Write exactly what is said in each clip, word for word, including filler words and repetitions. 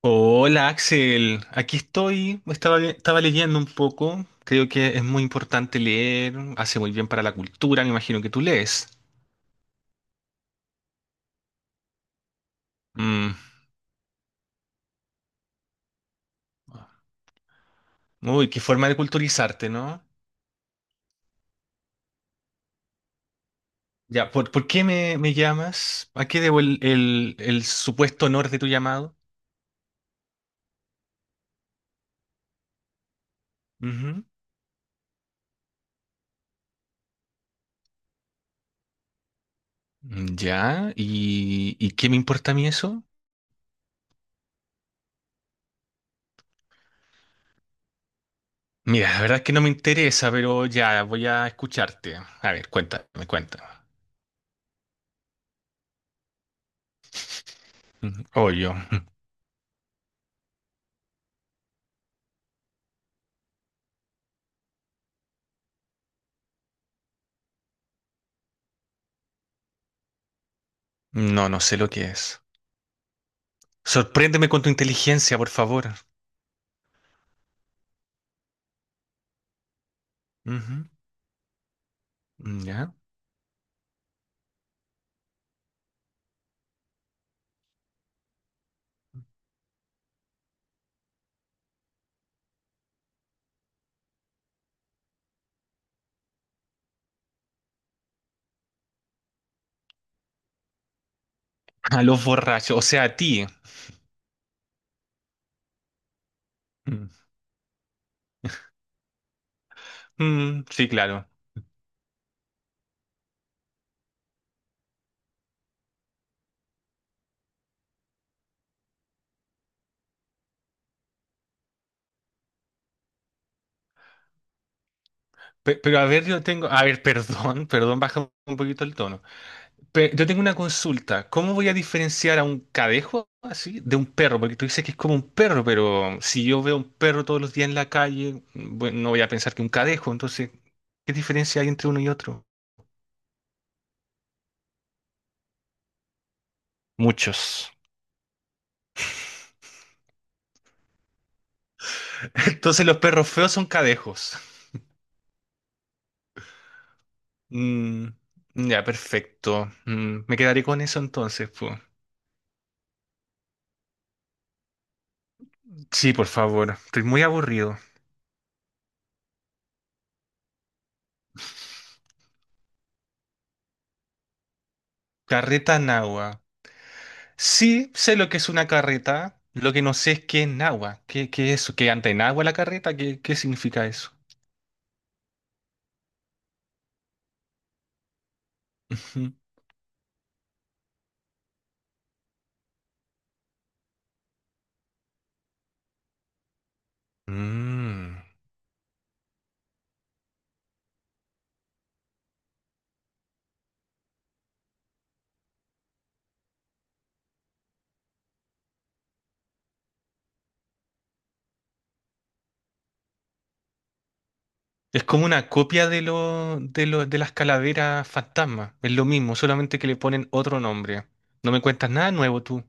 Hola Axel, aquí estoy, estaba, estaba leyendo un poco. Creo que es muy importante leer, hace muy bien para la cultura. Me imagino que tú lees. Mm. Uy, qué forma de culturizarte, ¿no? Ya, ¿por, por qué me, me llamas? ¿A qué debo el, el- el supuesto honor de tu llamado? Ujú. Mm, ya, ¿y, y qué me importa a mí eso? Mira, la verdad es que no me interesa, pero ya, voy a escucharte. A ver, cuéntame, cuéntame. Ujú. Oh, yo, no, no sé lo que es. Sorpréndeme con tu inteligencia, por favor. Ujú. ¿Ya? A los borrachos, o sea, a ti. Mm. Mm, sí, claro. Pe- pero a ver, yo tengo… A ver, perdón, perdón, baja un poquito el tono. Pe- yo tengo una consulta. ¿Cómo voy a diferenciar a un cadejo así de un perro? Porque tú dices que es como un perro, pero si yo veo un perro todos los días en la calle, bueno, no voy a pensar que un cadejo. Entonces, ¿qué diferencia hay entre uno y otro? Muchos. Entonces los perros feos son cadejos. Mm, ya, perfecto. Mm, me quedaré con eso entonces, pues. Sí, por favor. Estoy muy aburrido. Carreta Nahua. Sí, sé lo que es una carreta. Lo que no sé es qué es Nahua. ¿Qué, qué es eso? ¿Qué anda en agua la carreta? ¿Qué, qué significa eso? Ujú. Mm. Es como una copia de lo, de lo, de las calaveras fantasma. Es lo mismo, solamente que le ponen otro nombre. No me cuentas nada nuevo tú.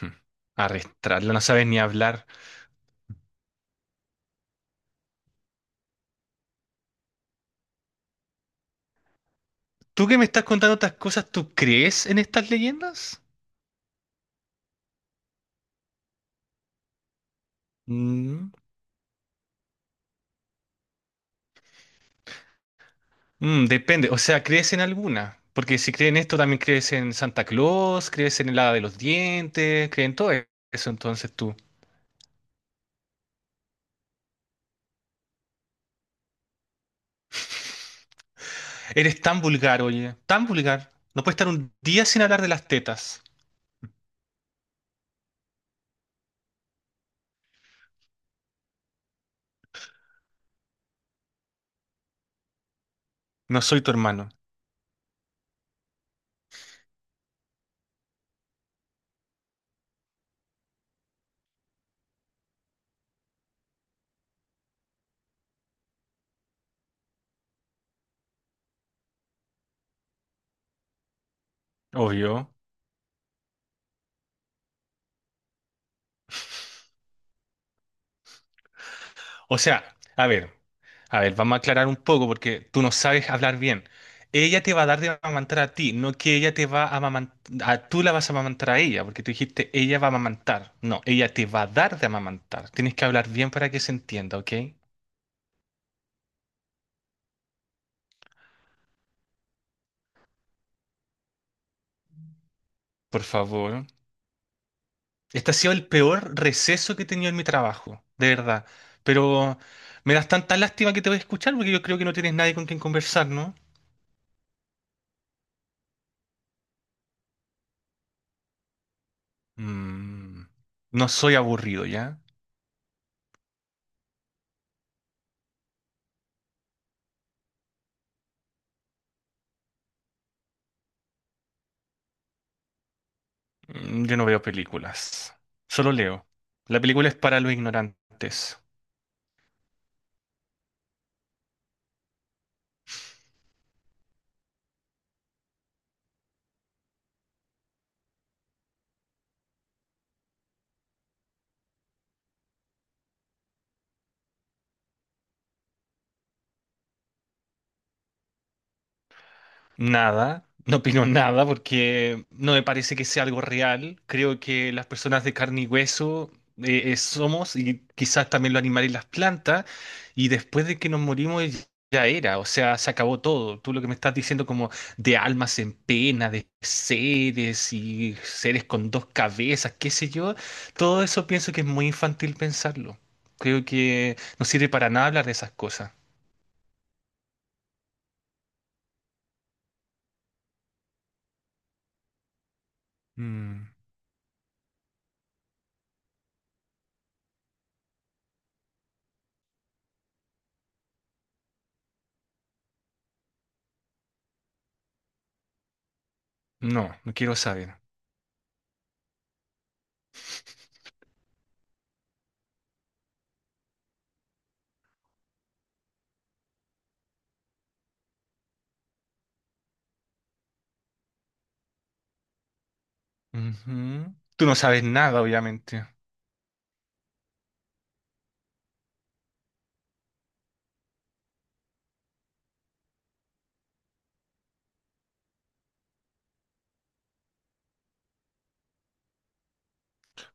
Hm. Arrastrarla. No sabes ni hablar. ¿Tú que me estás contando estas cosas, tú crees en estas leyendas? Mm, mm, depende, o sea, ¿crees en alguna? Porque si crees en esto, también crees en Santa Claus, crees en el hada de los dientes, crees en todo eso, entonces tú. Eres tan vulgar, oye, tan vulgar. No puedes estar un día sin hablar de las tetas. No soy tu hermano, obvio. O sea, a ver. A ver, vamos a aclarar un poco porque tú no sabes hablar bien. Ella te va a dar de amamantar a ti, no que ella te va a amamantar, tú la vas a amamantar a ella, porque tú dijiste ella va a amamantar. No, ella te va a dar de amamantar. Tienes que hablar bien para que se entienda, ¿ok? Por favor. Este ha sido el peor receso que he tenido en mi trabajo, de verdad. Pero me das tanta lástima que te voy a escuchar porque yo creo que no tienes nadie con quien conversar, ¿no? Mm, no soy aburrido, ya. Mm, yo no veo películas, solo leo. La película es para los ignorantes. Nada, no opino nada porque no me parece que sea algo real. Creo que las personas de carne y hueso eh, eh, somos, y quizás también los animales y las plantas. Y después de que nos morimos ya era, o sea, se acabó todo. Tú lo que me estás diciendo, como de almas en pena, de seres y seres con dos cabezas, qué sé yo, todo eso pienso que es muy infantil pensarlo. Creo que no sirve para nada hablar de esas cosas. Mm, no, no quiero saber. Ujú. Tú no sabes nada, obviamente.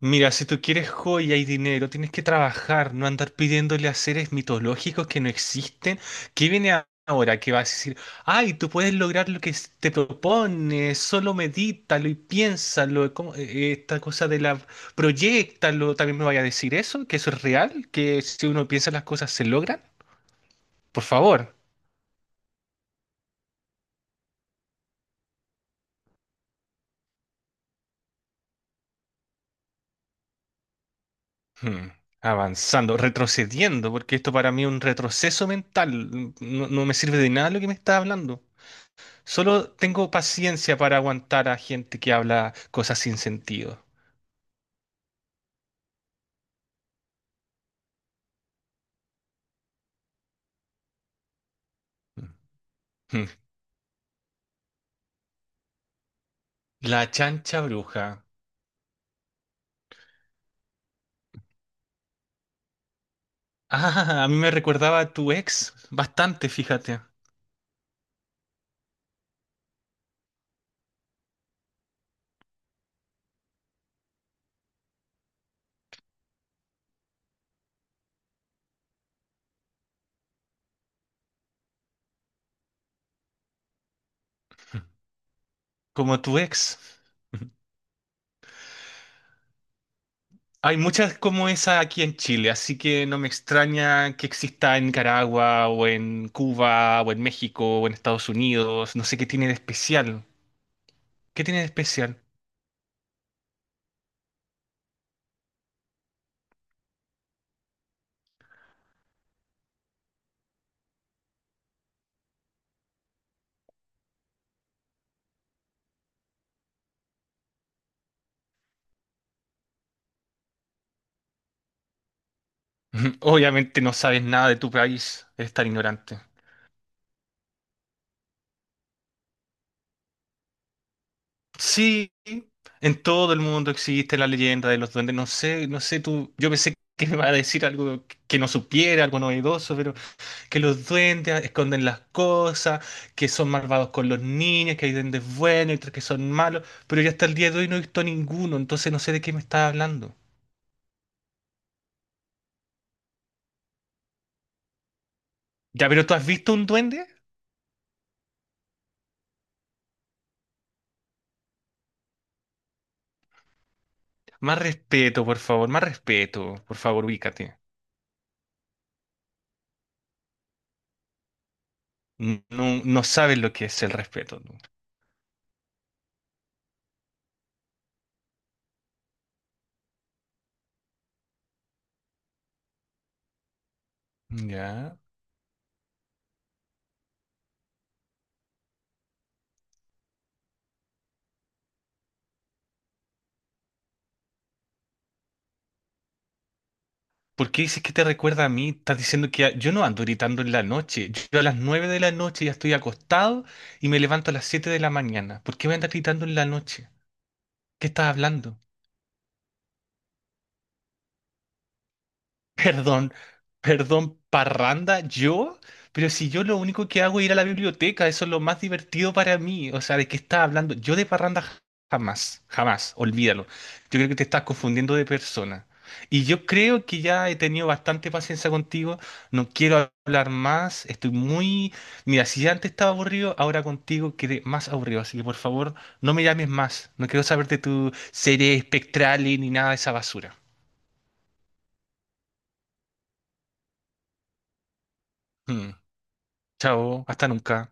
Mira, si tú quieres joya y dinero, tienes que trabajar, no andar pidiéndole a seres mitológicos que no existen. ¿Qué viene a- ahora? Que vas a decir, ay, tú puedes lograr lo que s- te propones, solo medítalo y piénsalo. eh, ¿Cómo? Eh, Esta cosa de la… Proyéctalo, también me vaya a decir eso, que eso es real, que si uno piensa las cosas se logran. Por favor. Hmm, avanzando, retrocediendo, porque esto para mí es un retroceso mental. No, no me sirve de nada lo que me está hablando. Solo tengo paciencia para aguantar a gente que habla cosas sin sentido. Hmm. La chancha bruja. Ah, a mí me recordaba a tu ex, bastante, fíjate, como tu ex. Hay muchas como esa aquí en Chile, así que no me extraña que exista en Nicaragua o en Cuba o en México o en Estados Unidos. No sé qué tiene de especial. ¿Qué tiene de especial? Obviamente no sabes nada de tu país, eres tan ignorante. Sí, en todo el mundo existe la leyenda de los duendes. No sé, no sé tú. Yo pensé que me iba a decir algo que no supiera, algo novedoso, pero que los duendes esconden las cosas, que son malvados con los niños, que hay duendes buenos y otros que son malos. Pero yo hasta el día de hoy no he visto ninguno, entonces no sé de qué me estás hablando. Ya, pero ¿tú has visto un duende? Más respeto, por favor, más respeto. Por favor, ubícate. No, no sabes lo que es el respeto, ¿no? ¿Ya? ¿Por qué dices que te recuerda a mí? Estás diciendo que a- yo no ando gritando en la noche. Yo a las nueve de la noche ya estoy acostado y me levanto a las siete de la mañana. ¿Por qué me andas gritando en la noche? ¿Qué estás hablando? Perdón, perdón, parranda, ¿yo? Pero si yo lo único que hago es ir a la biblioteca, eso es lo más divertido para mí. O sea, ¿de qué estás hablando? Yo de parranda j- jamás, jamás, olvídalo. Yo creo que te estás confundiendo de persona. Y yo creo que ya he tenido bastante paciencia contigo, no quiero hablar más, estoy muy… Mira, si ya antes estaba aburrido, ahora contigo quedé más aburrido, así que por favor, no me llames más, no quiero saber de tu serie espectral ni nada de esa basura. Mm. Chao, hasta nunca.